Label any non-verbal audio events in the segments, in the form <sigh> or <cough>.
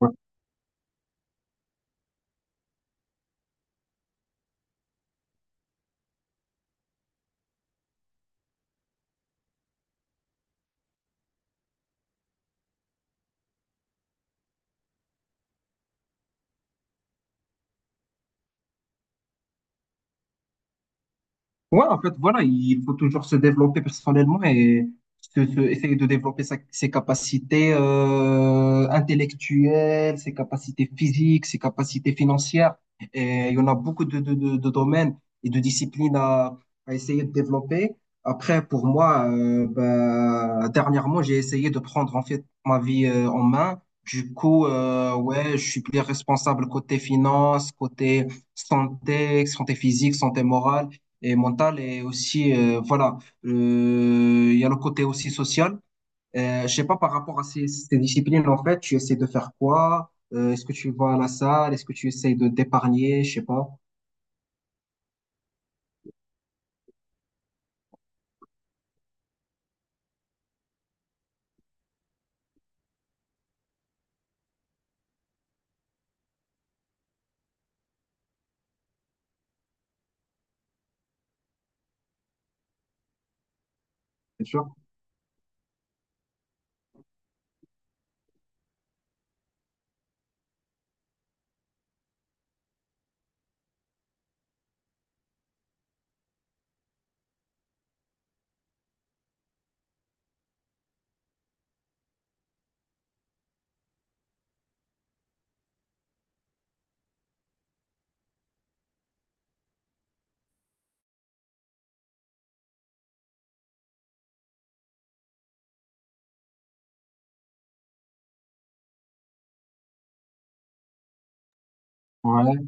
Ouais. Ouais, en fait, voilà, il faut toujours se développer personnellement et essayer de développer ses capacités intellectuelles, ses capacités physiques, ses capacités financières. Et il y en a beaucoup de domaines et de disciplines à essayer de développer. Après, pour moi, ben, dernièrement, j'ai essayé de prendre en fait ma vie en main. Du coup, ouais, je suis plus responsable côté finance, côté santé, santé physique, santé morale et mentale et aussi, voilà, euh, il y a le côté aussi social. Je sais pas par rapport à ces disciplines, en fait, tu essaies de faire quoi? Est-ce que tu vas à la salle? Est-ce que tu essaies de d'épargner? Je sais pas. Bien sûr. Ouais,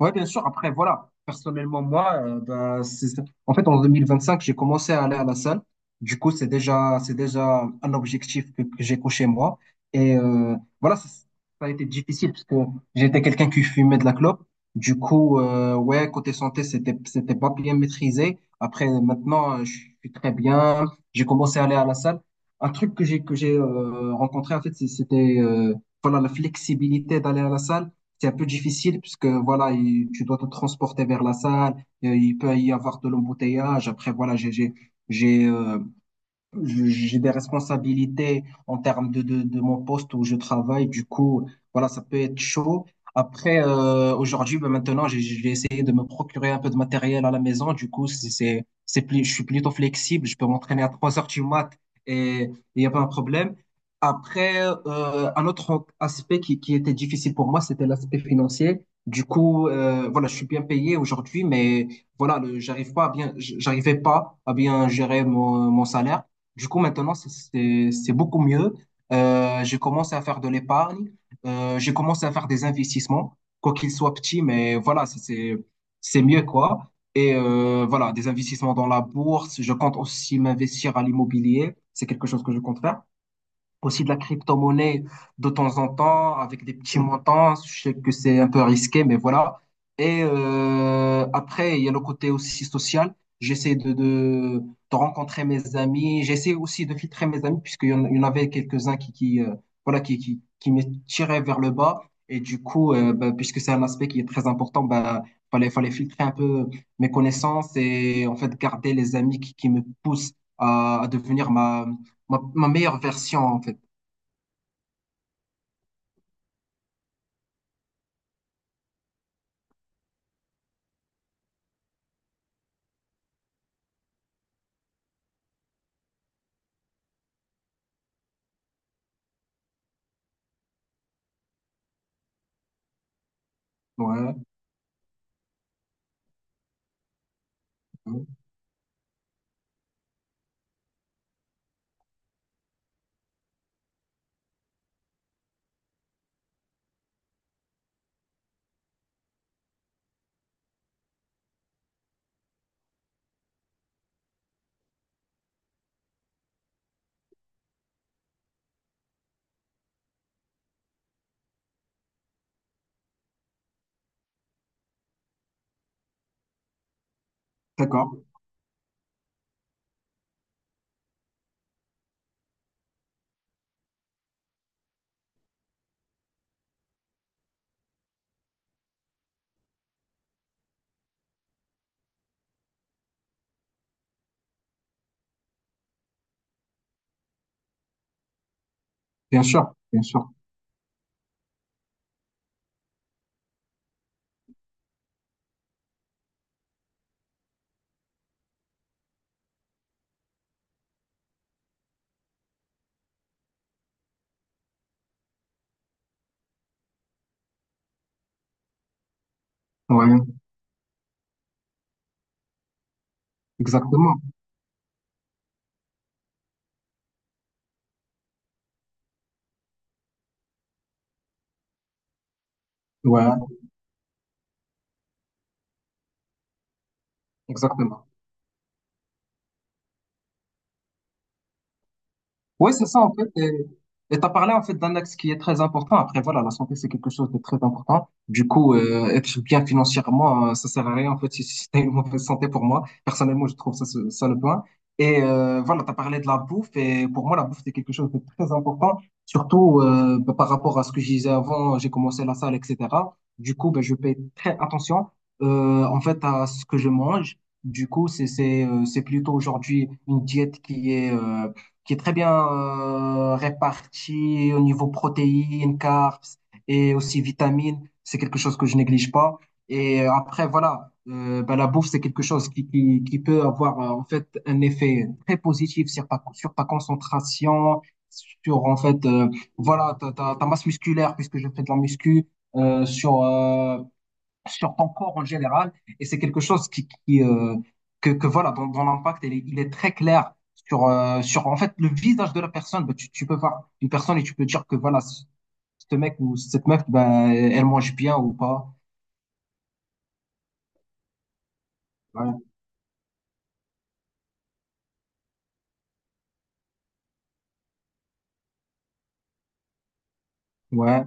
ouais, bien sûr. Après, voilà. Personnellement, moi, ben, c'est ça. En fait, en 2025, j'ai commencé à aller à la salle. Du coup, c'est déjà un objectif que j'ai coché moi. Et voilà, ça a été difficile parce que j'étais quelqu'un qui fumait de la clope. Du coup, ouais, côté santé, c'était pas bien maîtrisé. Après, maintenant, je suis très bien. J'ai commencé à aller à la salle. Un truc que j'ai rencontré, en fait, c'était voilà, la flexibilité d'aller à la salle, c'est un peu difficile puisque voilà, tu dois te transporter vers la salle, il peut y avoir de l'embouteillage. Après, voilà, j'ai euh, j'ai des responsabilités en termes de mon poste où je travaille. Du coup, voilà, ça peut être chaud. Après, aujourd'hui, ben maintenant, j'ai essayé de me procurer un peu de matériel à la maison. Du coup, c'est plus, je suis plutôt flexible. Je peux m'entraîner à 3h du mat et il n'y a pas un problème. Après, un autre aspect qui était difficile pour moi, c'était l'aspect financier. Du coup, voilà, je suis bien payé aujourd'hui, mais voilà, j'arrivais pas à bien gérer mon salaire. Du coup, maintenant, c'est beaucoup mieux. J'ai commencé à faire de l'épargne. J'ai commencé à faire des investissements, quoi qu'ils soient petits, mais voilà, c'est mieux, quoi. Et voilà, des investissements dans la bourse. Je compte aussi m'investir à l'immobilier. C'est quelque chose que je compte faire aussi de la crypto-monnaie de temps en temps avec des petits montants. Je sais que c'est un peu risqué, mais voilà. Et après, il y a le côté aussi social. J'essaie de rencontrer mes amis. J'essaie aussi de filtrer mes amis, puisqu'il y en avait quelques-uns qui, voilà, qui me tiraient vers le bas. Et du coup, ben, puisque c'est un aspect qui est très important, ben, fallait filtrer un peu mes connaissances et en fait garder les amis qui me poussent à devenir ma meilleure version, en fait. Ouais, ouais. D'accord, bien sûr, bien sûr. Ouais, exactement. Ouais, exactement. Oui, c'est ça, en fait. Et tu as parlé, en fait, d'un axe qui est très important. Après, voilà, la santé, c'est quelque chose de très important. Du coup, être bien financièrement, ça sert à rien, en fait, si t'as une mauvaise santé pour moi. Personnellement, je trouve ça, ça le point. Et voilà, tu as parlé de la bouffe. Et pour moi, la bouffe, c'est quelque chose de très important. Surtout bah, par rapport à ce que je disais avant, j'ai commencé la salle, etc. Du coup, ben je fais très attention, en fait, à ce que je mange. Du coup, c'est plutôt aujourd'hui une diète qui est très bien réparti au niveau protéines, carbs et aussi vitamines. C'est quelque chose que je néglige pas. Et après, voilà, ben, la bouffe, c'est quelque chose qui peut avoir en fait un effet très positif sur ta concentration, sur en fait, voilà, ta masse musculaire, puisque je fais de la muscu, euh, sur euh, sur ton corps en général. Et c'est quelque chose que voilà, dans l'impact, il est très clair sur en fait le visage de la personne. Bah, tu peux voir une personne et tu peux dire que voilà, ce mec ou cette meuf, ben elle mange bien ou pas. Ouais, ouais,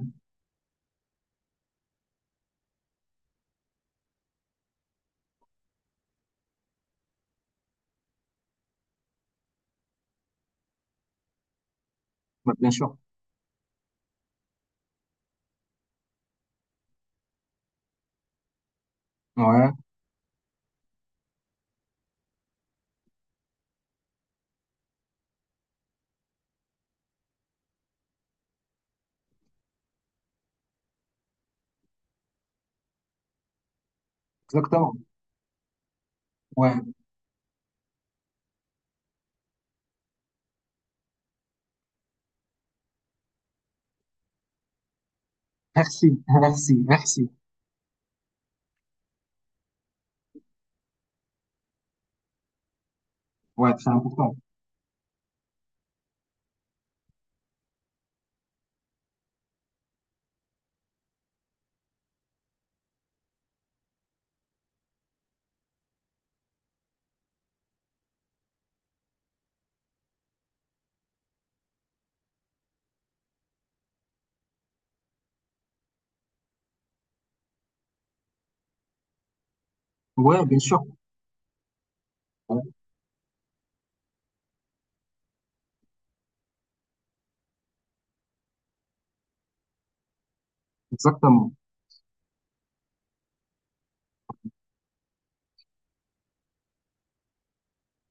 ouais, bien sûr. Ouais, exactement. Ouais, merci, <laughs> merci, merci. Ouais, c'est important. Ouais, bien sûr. Ouais, exactement.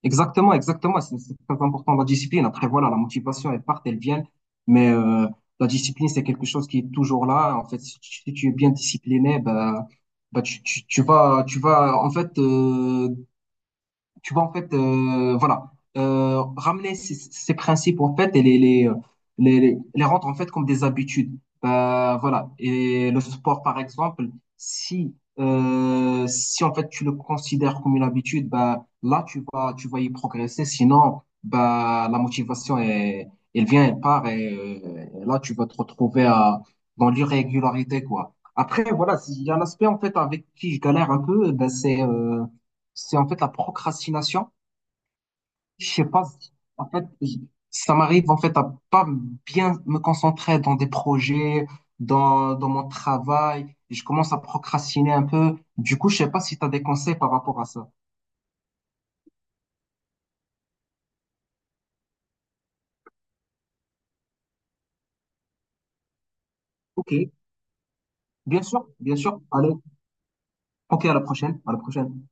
Exactement, exactement. C'est très important la discipline. Après, voilà, la motivation, elle part, elle vient. Mais la discipline, c'est quelque chose qui est toujours là. En fait, si tu es bien discipliné, bah, tu, tu vas, en fait, tu vois, en fait, voilà, ramener ces principes, en fait, et les rendre, en fait, comme des habitudes. Voilà. Et le sport, par exemple, si, si, en fait, tu le considères comme une habitude, bah, là, tu vas y progresser. Sinon, bah, la motivation, elle vient, elle part, et là, tu vas te retrouver dans l'irrégularité, quoi. Après, voilà, il y a un aspect, en fait, avec qui je galère un peu, bah, c'est en fait la procrastination. Je sais pas, en fait, ça m'arrive en fait à pas bien me concentrer dans des projets, dans mon travail. Je commence à procrastiner un peu. Du coup, je sais pas si tu as des conseils par rapport à ça. Ok, bien sûr, bien sûr. Allez, ok, à la prochaine, à la prochaine.